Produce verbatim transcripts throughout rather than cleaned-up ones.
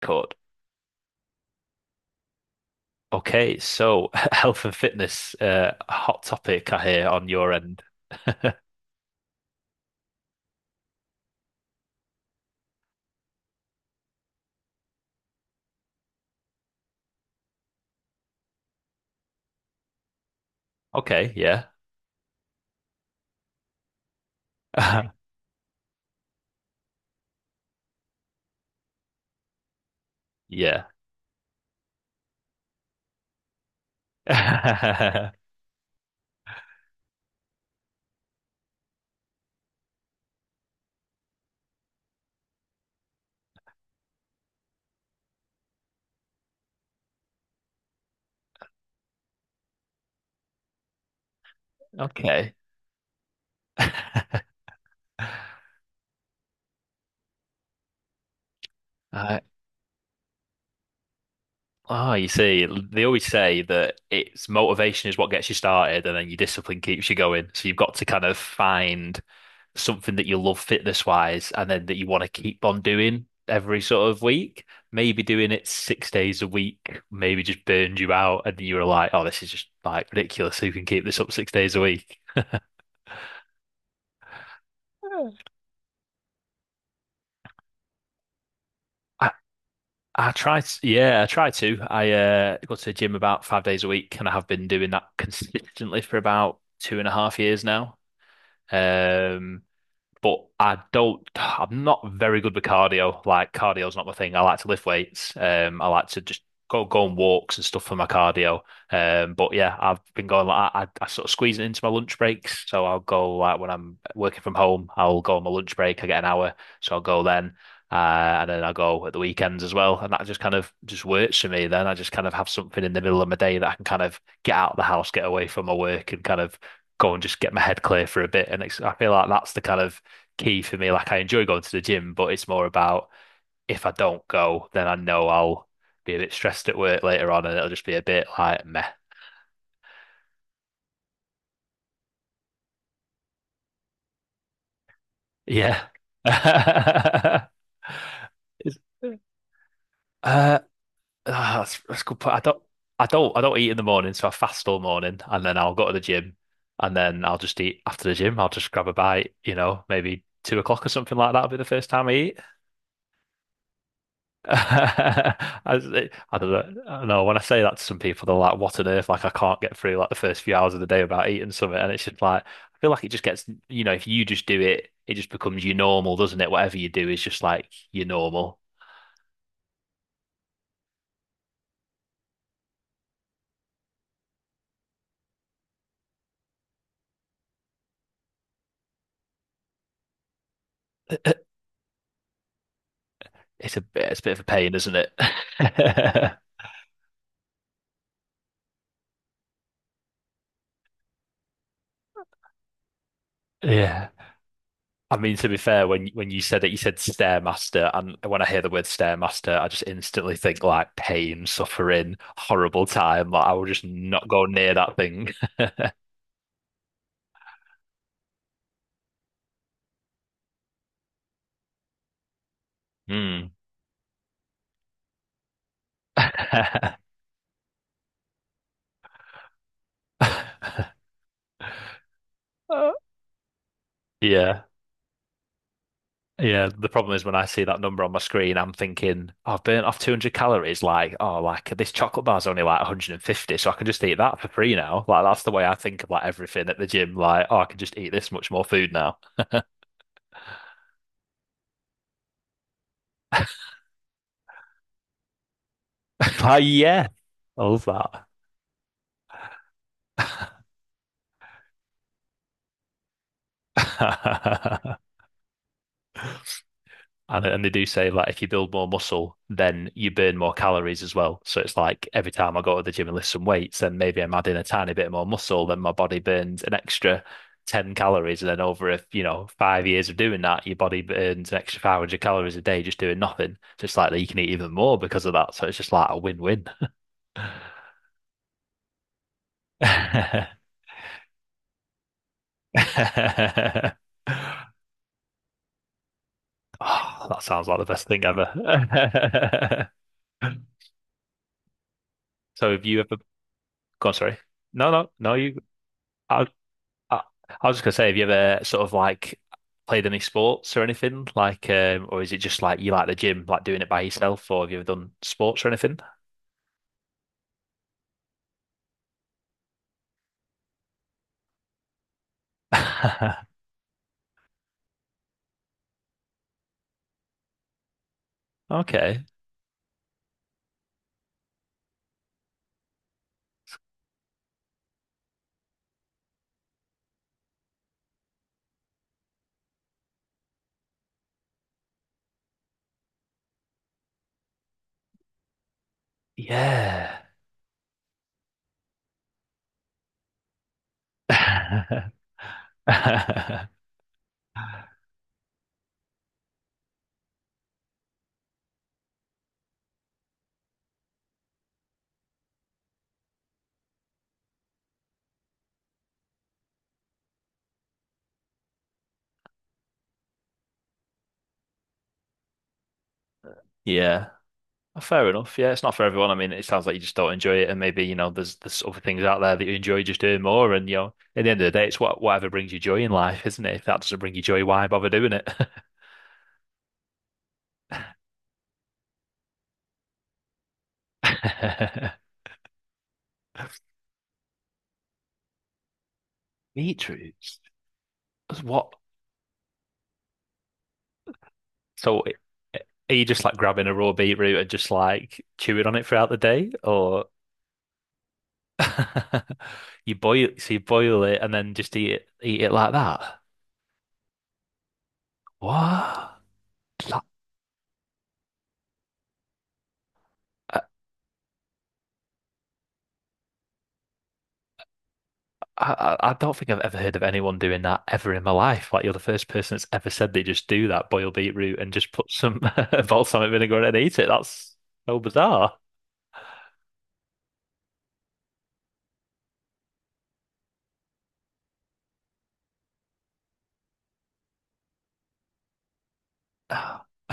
Court. Okay, so health and fitness, uh, hot topic I hear on your end. Okay, yeah. Yeah. Okay. Uh, oh, you see, they always say that it's motivation is what gets you started and then your discipline keeps you going. So you've got to kind of find something that you love fitness wise and then that you want to keep on doing every sort of week, maybe doing it six days a week, maybe just burned you out and you were like, oh, this is just like ridiculous. Who can keep this up six days a week? I, I try to, yeah, I try to. I uh, go to the gym about five days a week and I have been doing that consistently for about two and a half years now. Um, but I don't. I'm not very good with cardio. Like cardio's not my thing. I like to lift weights. Um, I like to just go go on walks and stuff for my cardio. Um, but yeah, I've been going like I, I sort of squeeze it into my lunch breaks. So I'll go like when I'm working from home, I'll go on my lunch break. I get an hour, so I'll go then. Uh, and then I go at the weekends as well, and that just kind of just works for me. Then I just kind of have something in the middle of my day that I can kind of get out of the house, get away from my work, and kind of go and just get my head clear for a bit. And it's, I feel like that's the kind of key for me. Like I enjoy going to the gym, but it's more about if I don't go, then I know I'll be a bit stressed at work later on, and it'll just be a bit like meh. Yeah. It's- Uh, ah, that's, that's a good point. I don't, I don't, I don't eat in the morning, so I fast all morning, and then I'll go to the gym, and then I'll just eat after the gym. I'll just grab a bite, you know, maybe two o'clock or something like that will be the first time I eat. I, I don't know. I don't know. No, when I say that to some people, they're like, "What on earth?" Like, I can't get through like the first few hours of the day without eating something, and it's just like I feel like it just gets, you know, if you just do it, it just becomes your normal, doesn't it? Whatever you do is just like your normal. It's a bit, it's a bit of a pain, isn't it? Yeah. I mean, to be fair, when when you said it, you said stairmaster, and when I hear the word stairmaster, I just instantly think like pain, suffering, horrible time. Like I will just not go near that thing. Hmm. Uh, yeah. Yeah. The problem is when I see that number on my screen, I'm thinking, "Oh, I've burnt off two hundred calories. Like, oh, like this chocolate bar's only like one hundred fifty, so I can just eat that for free now. Like, that's the way I think of like everything at the gym. Like, oh, I can just eat this much more food now. Like, yeah, I love that. And and they do say like if you build more muscle, then you burn more calories as well. So it's like every time I go to the gym and lift some weights, then maybe I'm adding a tiny bit more muscle, then my body burns an extra ten calories. And then over if you know five years of doing that, your body burns an extra five hundred calories a day just doing nothing. So it's like that you can eat even more because of that. So it's just like a win-win. Oh, that sounds like the best thing ever. So have you ever go on, sorry. No, no, no. You, I, I, I was just gonna say, have you ever sort of like played any sports or anything? Like, um, or is it just like you like the gym, like doing it by yourself, or have you ever done sports or anything? Okay. Yeah. Yeah. Fair enough. Yeah, it's not for everyone. I mean, it sounds like you just don't enjoy it, and maybe you know there's there's other things out there that you enjoy just doing more. And you know, at the end of the day, it's what whatever brings you joy in life, isn't it? If that doesn't bring you joy, why bother doing it? Beetroots? What? So, are you just like grabbing a raw beetroot and just like chewing on it throughout the day, or you boil? So you boil it and then just eat it, eat it like that? What? That- I, I, I don't think I've ever heard of anyone doing that ever in my life. Like you're the first person that's ever said they just do that, boil beetroot and just put some balsamic vinegar on it and eat it. That's so bizarre.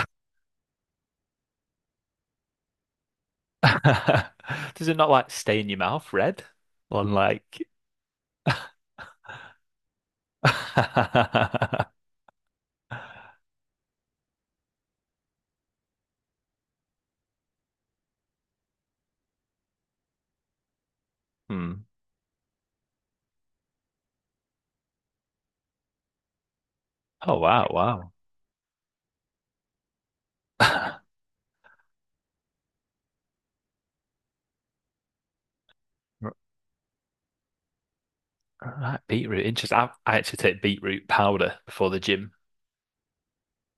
Does it not like stain your mouth red? On like hmm. Oh wow, wow. Right, beetroot. Interesting. I, I actually take beetroot powder before the gym,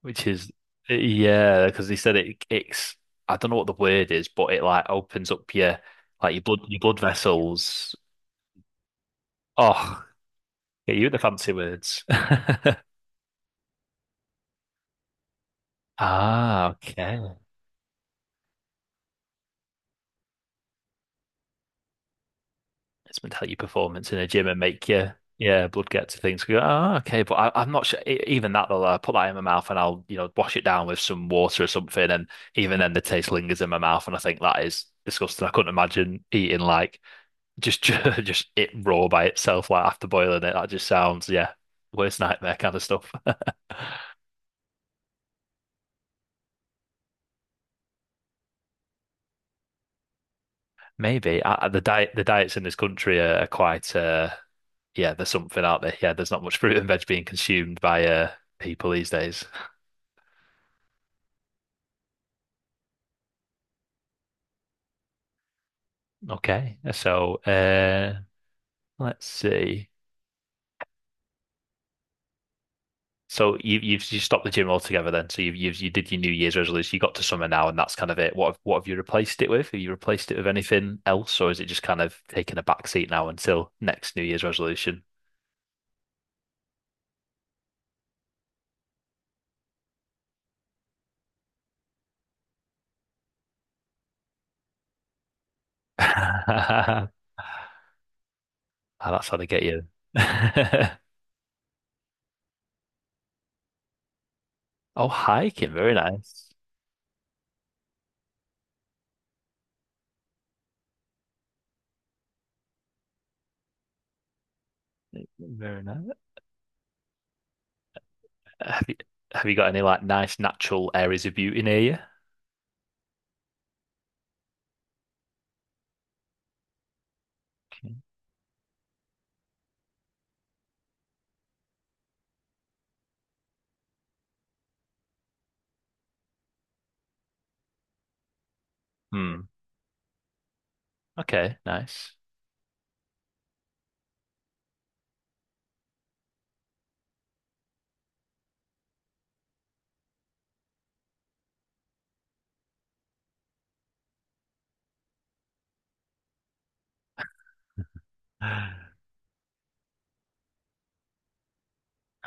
which is yeah, because they said it it's I don't know what the word is, but it like opens up your like your blood your blood vessels. Oh, yeah, you and the fancy words. Ah, okay. It's meant to help your performance in a gym and make your yeah blood get to things. You go, oh, okay, but I, I'm not sure. E- Even that though, I put that in my mouth and I'll you know wash it down with some water or something, and even then the taste lingers in my mouth, and I think that is disgusting. I couldn't imagine eating like just just it raw by itself, like after boiling it. That just sounds yeah. Worst nightmare kind of stuff. Maybe I, I- the diet the diets in this country are, are quite uh yeah there's something out there yeah there's not much fruit and veg being consumed by uh people these days. Okay. So, uh, let's see. So you you've you stopped the gym altogether then. So you've you've you did your New Year's resolution. You got to summer now, and that's kind of it. What have, what have you replaced it with? Have you replaced it with anything else, or is it just kind of taking a back seat now until next New Year's resolution? Ah, that's how they get you. Oh, hiking, very nice. Very nice. Have you have you got any like nice natural areas of beauty near you? Okay. Hmm. Okay, nice.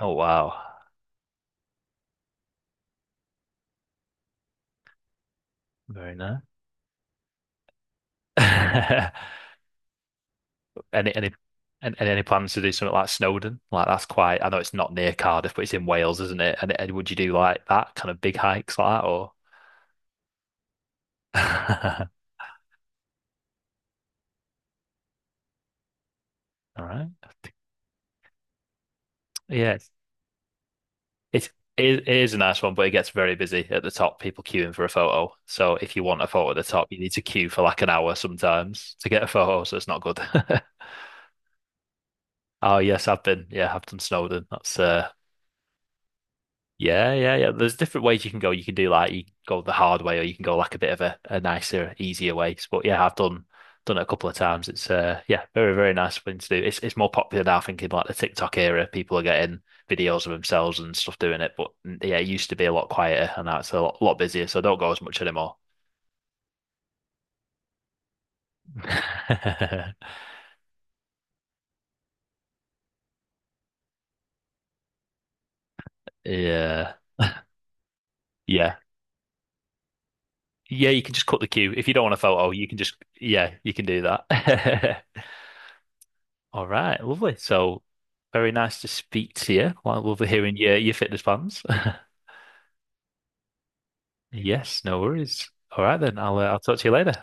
Oh wow. Very nice. Any any and any plans to do something like Snowdon? Like that's quite. I know it's not near Cardiff, but it's in Wales, isn't it? And, and would you do like that kind of big hikes like that, or? All right. Yeah, it's, it's it is a nice one, but it gets very busy at the top. People queuing for a photo. So if you want a photo at the top, you need to queue for like an hour sometimes to get a photo. So it's not good. Oh yes, I've been. Yeah, I've done Snowdon. That's uh, yeah, yeah, yeah. There's different ways you can go. You can do like you go the hard way, or you can go like a bit of a, a nicer, easier way. But yeah, I've done done it a couple of times. It's uh yeah, very, very nice thing to do. It's it's more popular now, I think, in like the TikTok era. People are getting videos of themselves and stuff doing it. But mm, yeah, it used to be a lot quieter and now it's a lot, lot busier, so I don't go as much anymore. Yeah. Yeah. Yeah, you can just cut the queue. If you don't want a photo, you can just yeah, you can do that. All right, lovely. So very nice to speak to you. Well, lovely hearing your your fitness plans. Yes, no worries. All right then, I'll uh, I'll talk to you later.